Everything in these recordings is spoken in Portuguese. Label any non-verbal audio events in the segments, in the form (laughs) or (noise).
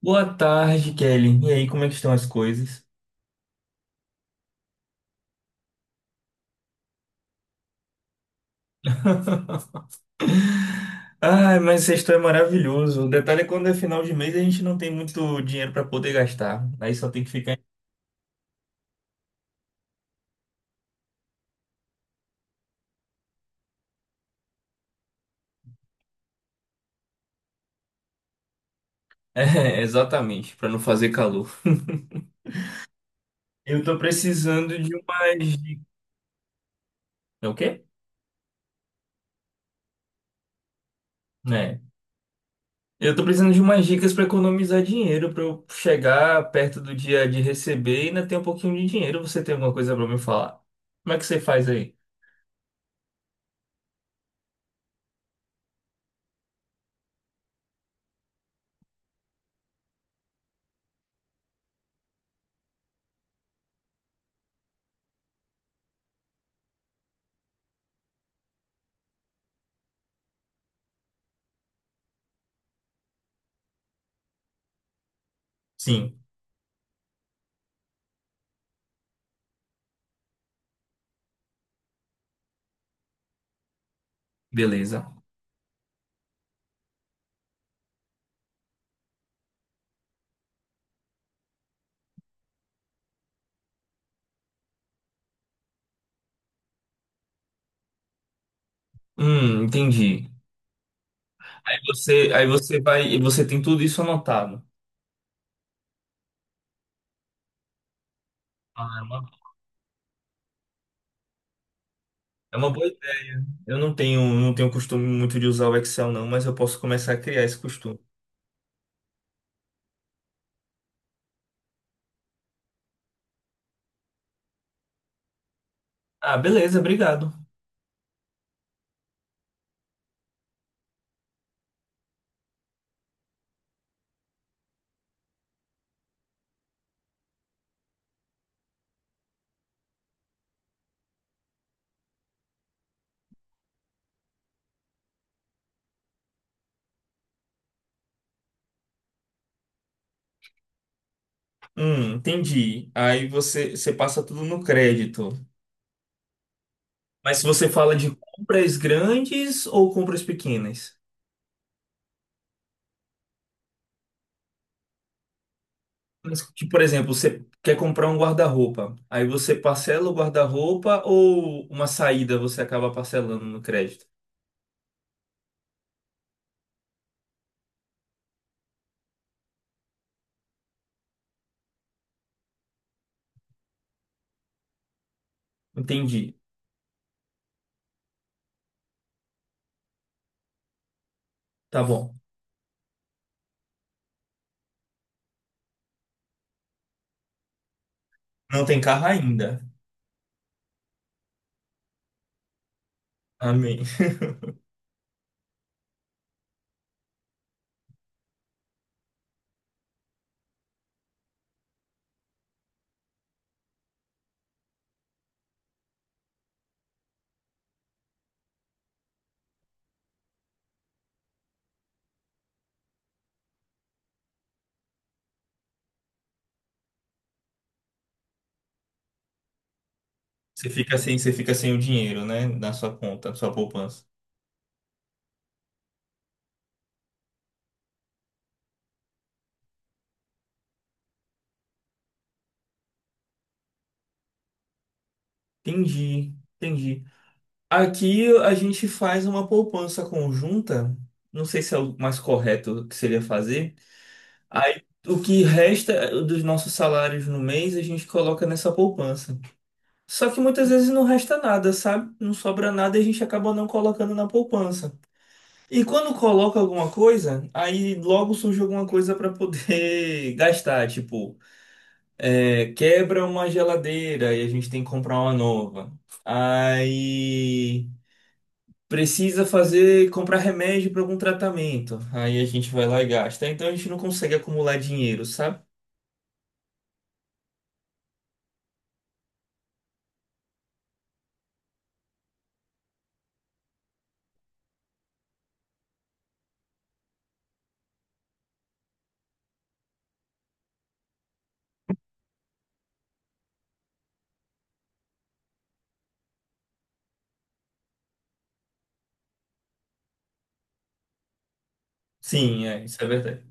Boa tarde, Kelly. E aí, como é que estão as coisas? Ai, mas sexto é maravilhoso. O detalhe é quando é final de mês a gente não tem muito dinheiro para poder gastar. Aí só tem que ficar. (laughs) É, exatamente, para não fazer calor. Eu tô precisando de umas dicas. É o quê? É. Eu tô precisando de umas dicas para economizar dinheiro, para eu chegar perto do dia de receber e ainda ter um pouquinho de dinheiro. Você tem alguma coisa para me falar? Como é que você faz aí? Sim, beleza. Entendi. Aí você vai e você tem tudo isso anotado. Ah, é uma boa ideia. Eu não tenho costume muito de usar o Excel, não, mas eu posso começar a criar esse costume. Ah, beleza, obrigado. Entendi. Aí você passa tudo no crédito. Mas se você fala de compras grandes ou compras pequenas? Mas, tipo, por exemplo, você quer comprar um guarda-roupa. Aí você parcela o guarda-roupa ou uma saída você acaba parcelando no crédito? Entendi. Tá bom. Não tem carro ainda. Amém. Você fica sem o dinheiro, né? Na sua conta, na sua poupança. Entendi, entendi. Aqui a gente faz uma poupança conjunta. Não sei se é o mais correto que seria fazer. Aí o que resta dos nossos salários no mês a gente coloca nessa poupança. Só que muitas vezes não resta nada, sabe? Não sobra nada e a gente acaba não colocando na poupança. E quando coloca alguma coisa, aí logo surge alguma coisa para poder (laughs) gastar, tipo. É, quebra uma geladeira e a gente tem que comprar uma nova. Aí precisa fazer, comprar remédio para algum tratamento. Aí a gente vai lá e gasta. Então a gente não consegue acumular dinheiro, sabe? Sim, é, isso é verdade.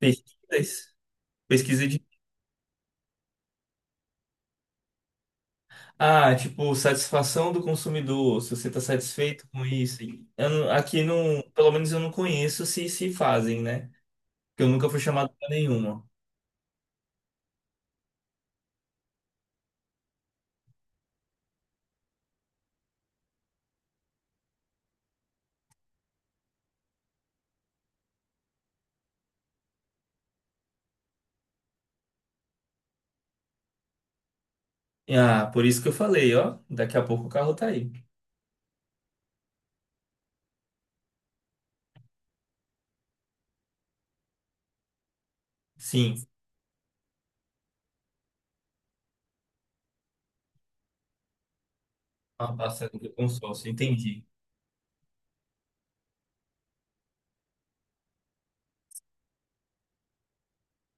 Pesquisas, pesquisa de. Ah, tipo, satisfação do consumidor, se você está satisfeito com isso. Eu não- Aqui não, pelo menos eu não conheço se fazem, né? Porque eu nunca fui chamado para nenhuma. Ah, por isso que eu falei, ó, daqui a pouco o carro tá aí. Sim. Ah, passando do consórcio, entendi.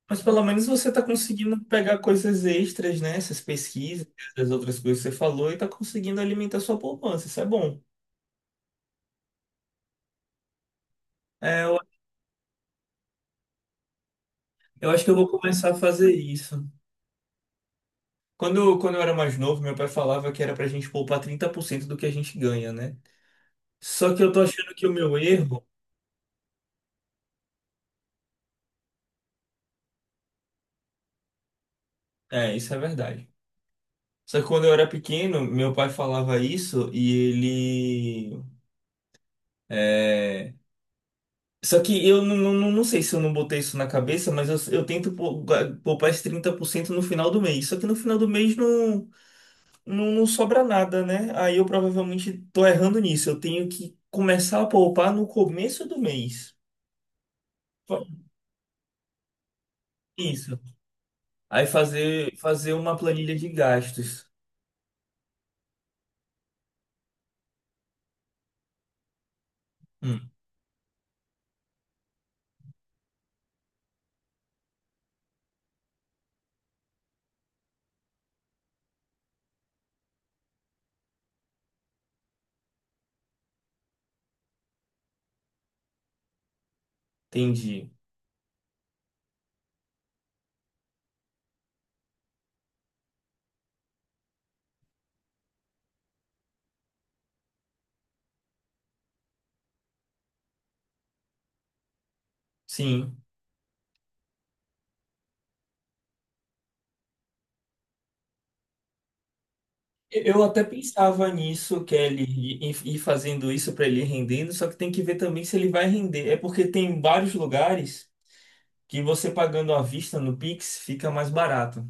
Mas pelo menos você está conseguindo pegar coisas extras, né? Essas pesquisas, as outras coisas que você falou, e está conseguindo alimentar sua poupança. Isso é bom. É, eu acho que eu vou começar a fazer isso. Quando eu era mais novo, meu pai falava que era para a gente poupar 30% do que a gente ganha, né? Só que eu tô achando que o meu erro. É, isso é verdade. Só que quando eu era pequeno, meu pai falava isso e ele. É. Só que eu não sei se eu não botei isso na cabeça, mas eu tento poupar esse 30% no final do mês. Só que no final do mês não sobra nada, né? Aí eu provavelmente tô errando nisso. Eu tenho que começar a poupar no começo do mês. Fa- Isso. Aí fazer uma planilha de gastos. Hum, entendi. Sim. Eu até pensava nisso, Kelly, e fazendo isso para ele ir rendendo, só que tem que ver também se ele vai render. É porque tem vários lugares que você pagando à vista no Pix fica mais barato.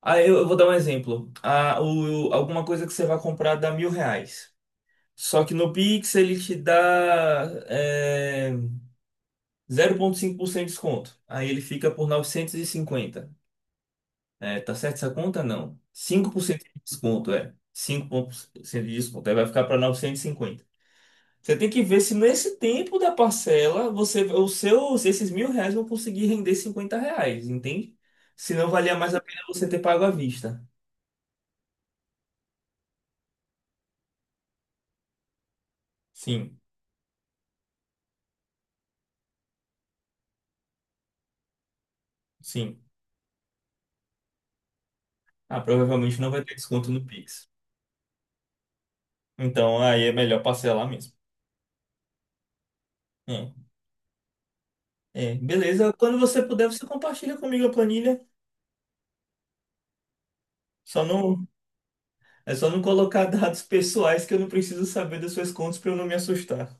Ah, eu vou dar um exemplo. Ah, alguma coisa que você vai comprar dá R$ 1.000. Só que no Pix ele te dá 0,5% de desconto. Aí ele fica por 950. É, tá certo essa conta? Não. 5% de desconto, é. 5% de desconto. Aí vai ficar para 950. Você tem que ver se nesse tempo da parcela você, o seu, se esses R$ 1.000 vão conseguir render R$ 50, entende? Se não valia mais a pena você ter pago à vista. Sim, sim. Ah, provavelmente não vai ter desconto no Pix. Então aí é melhor parcelar mesmo. É. É, beleza. Quando você puder, você compartilha comigo a planilha. Só não, é só não colocar (laughs) dados pessoais que eu não preciso saber das suas contas para eu não me assustar.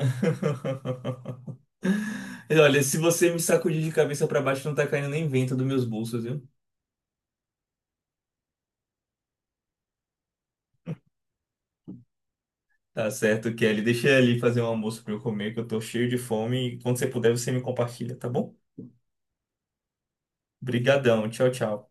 (laughs) E olha, se você me sacudir de cabeça pra baixo, não tá caindo nem vento dos meus bolsos, viu? Tá certo, Kelly. Deixa eu ali fazer um almoço pra eu comer, que eu tô cheio de fome. E quando você puder, você me compartilha, tá bom? Brigadão. Tchau, tchau.